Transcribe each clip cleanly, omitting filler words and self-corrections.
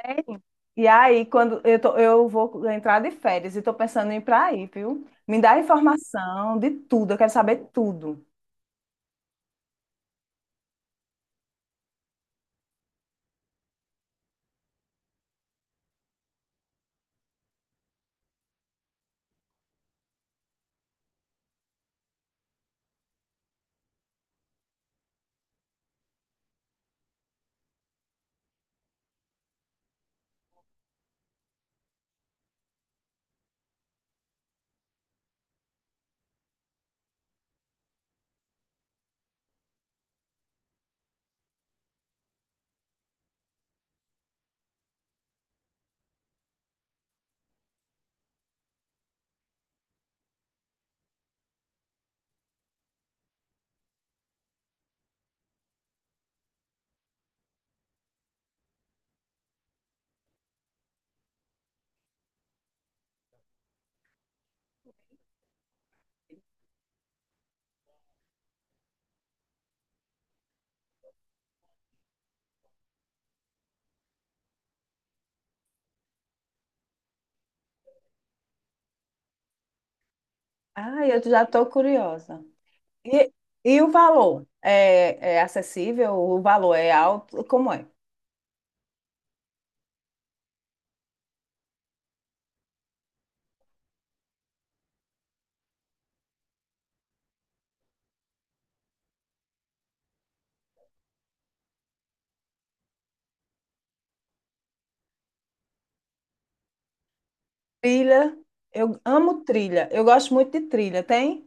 Sério? E aí, eu vou entrar de férias e tô pensando em ir para aí, viu? Me dá informação de tudo, eu quero saber tudo. Ah, eu já estou curiosa. E, e o valor? É acessível? O valor é alto? Como é? Trilha, eu amo trilha, eu gosto muito de trilha, tem?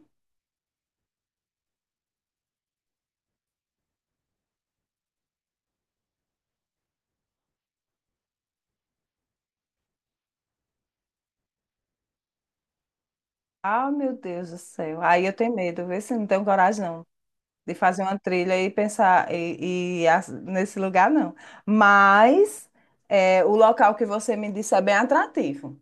Ah, meu Deus do céu. Aí eu tenho medo, vê se não tenho coragem, não. De fazer uma trilha e pensar nesse lugar não. Mas é, o local que você me disse é bem atrativo.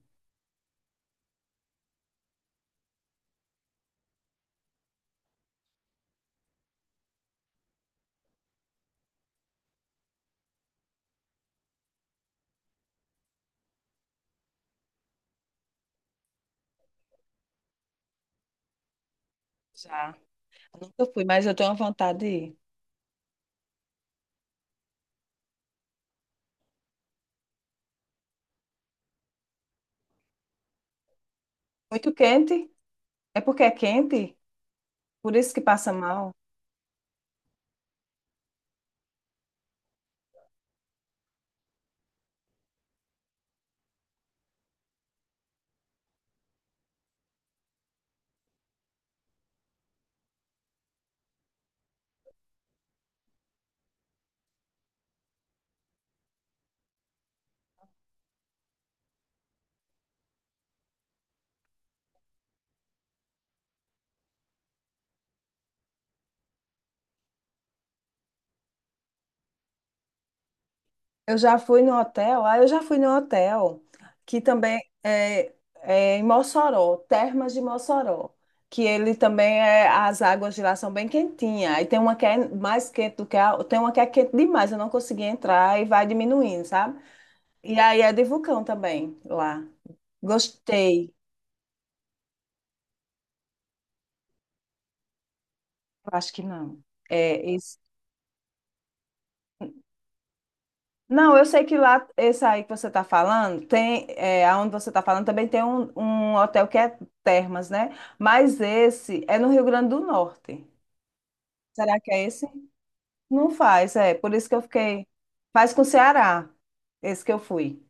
Já. Eu nunca fui, mas eu tenho vontade de ir. Muito quente? É porque é quente? Por isso que passa mal? Eu já fui no hotel, que também é, em Mossoró, Termas de Mossoró, que ele também é, as águas de lá são bem quentinhas, e tem uma que é mais quente tem uma que é quente demais, eu não consegui entrar e vai diminuindo, sabe? E aí é de vulcão também lá. Gostei. Eu acho que não. É. Não, eu sei que lá, esse aí que você está falando, tem, aonde você está falando também tem um hotel que é Termas, né? Mas esse é no Rio Grande do Norte. Será que é esse? Não faz, é. Por isso que eu fiquei. Faz com o Ceará, esse que eu fui.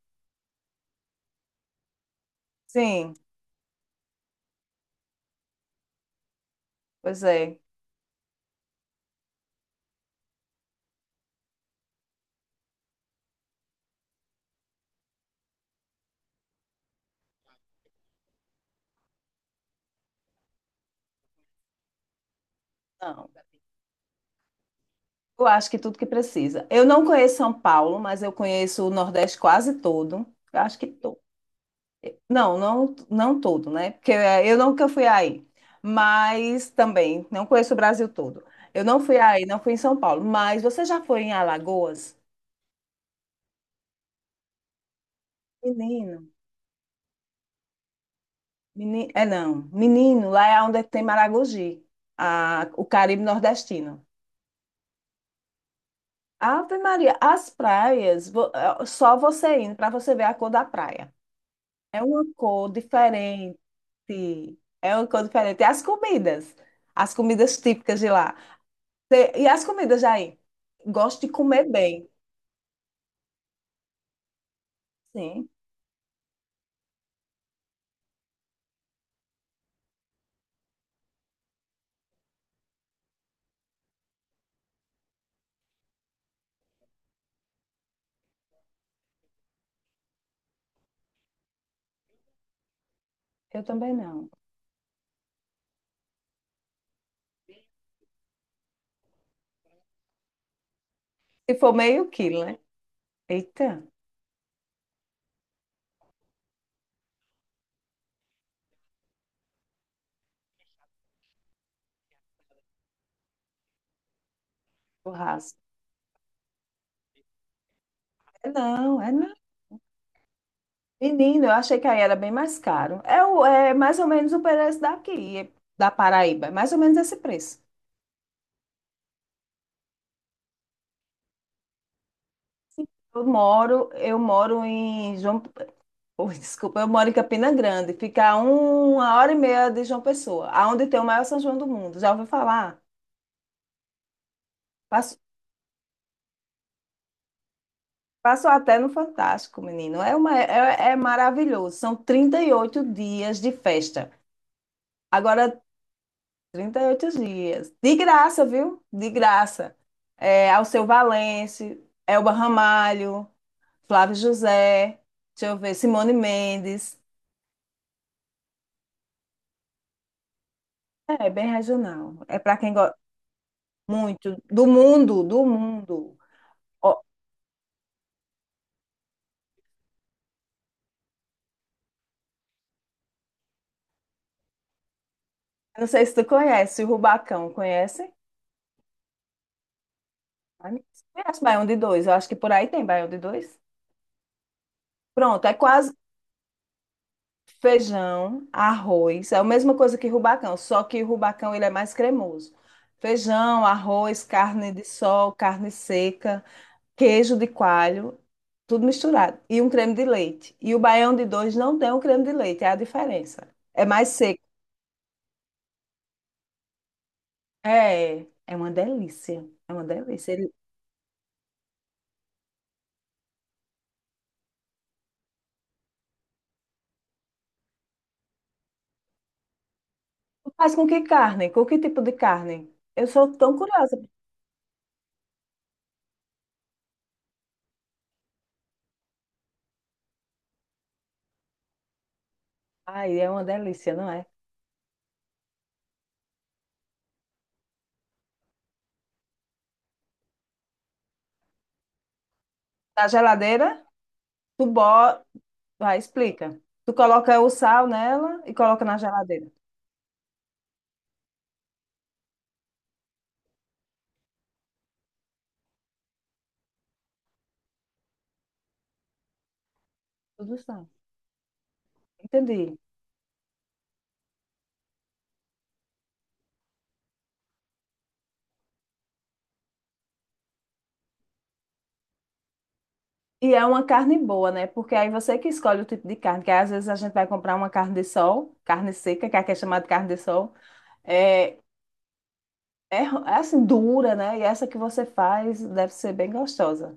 Sim, pois é. Não, eu acho que tudo que precisa. Eu não conheço São Paulo, mas eu conheço o Nordeste quase todo. Eu acho que todo. Não, não, não todo, né? Porque eu nunca fui aí, mas também não conheço o Brasil todo. Eu não fui aí, não fui em São Paulo, mas você já foi em Alagoas? Menino, menino, é não, menino, lá é onde tem Maragogi, o Caribe nordestino. Ave Maria, as praias, só você indo para você ver a cor da praia. É uma cor diferente, é uma cor diferente. E as comidas típicas de lá. E as comidas aí? Gosto de comer bem. Sim, eu também não. Se for meio quilo, né? Eita, churrasco. É não, é não. Menino, eu achei que aí era bem mais caro. É, é mais ou menos o preço daqui, da Paraíba. É mais ou menos esse preço. Eu moro em João, ui, desculpa, eu moro em Campina Grande. Fica a 1h30 de João Pessoa, aonde tem o maior São João do mundo. Já ouviu falar? Passa Passou até no Fantástico, menino. É, é maravilhoso. São 38 dias de festa. Agora, 38 dias. De graça, viu? De graça. É, Alceu Valença, Elba Ramalho, Flávio José, deixa eu ver, Simone Mendes. É, é bem regional. É para quem gosta muito. Do mundo, do mundo. Ó, não sei se tu conhece o Rubacão. Conhece? Ah, Conhece Baião de Dois. Eu acho que por aí tem Baião de Dois. Pronto, é quase. Feijão, arroz, é a mesma coisa que rubacão, só que o rubacão ele é mais cremoso. Feijão, arroz, carne de sol, carne seca, queijo de coalho, tudo misturado. E um creme de leite. E o baião de dois não tem um creme de leite, é a diferença. É mais seco. É, é uma delícia. É uma delícia. Ele faz com que carne? Com que tipo de carne? Eu sou tão curiosa. Ai, é uma delícia, não é? Na geladeira, tu bota. Ah, explica. Tu coloca o sal nela e coloca na geladeira. Tudo sal. Entendi. E é uma carne boa, né? Porque aí você que escolhe o tipo de carne, que às vezes a gente vai comprar uma carne de sol, carne seca, que aqui é chamada de carne de sol. É, é, assim, dura, né? E essa que você faz deve ser bem gostosa.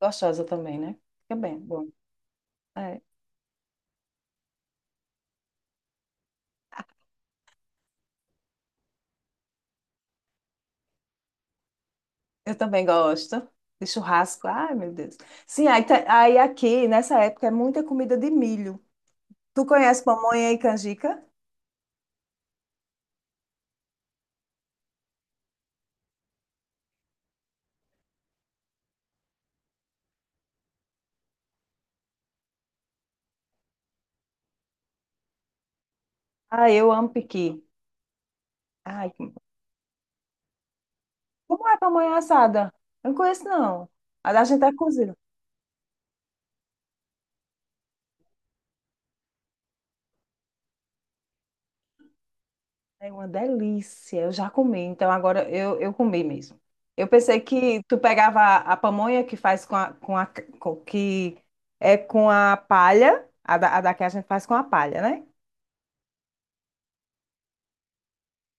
Gostosa também, né? Fica bem, bom. É. Eu também gosto de churrasco. Ai, meu Deus. Sim, aí aqui, nessa época, é muita comida de milho. Tu conhece pamonha e canjica? Ah, eu amo piqui. Ai, como é pamonha assada? Eu não conheço, não. A da gente é cozida. É uma delícia. Eu já comi, então agora eu comi mesmo. Eu pensei que tu pegava a pamonha que faz com a que é com a palha, a da que a gente faz com a palha, né?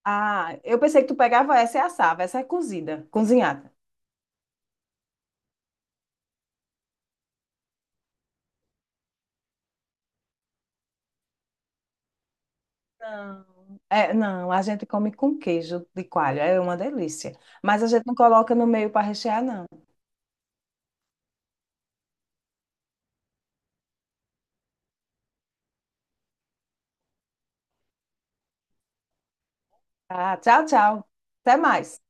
Ah, eu pensei que tu pegava essa e assava, essa é cozida, cozinhada. Não. É, não, a gente come com queijo de coalho, é uma delícia. Mas a gente não coloca no meio para rechear, não. Tá, tchau, tchau. Até mais.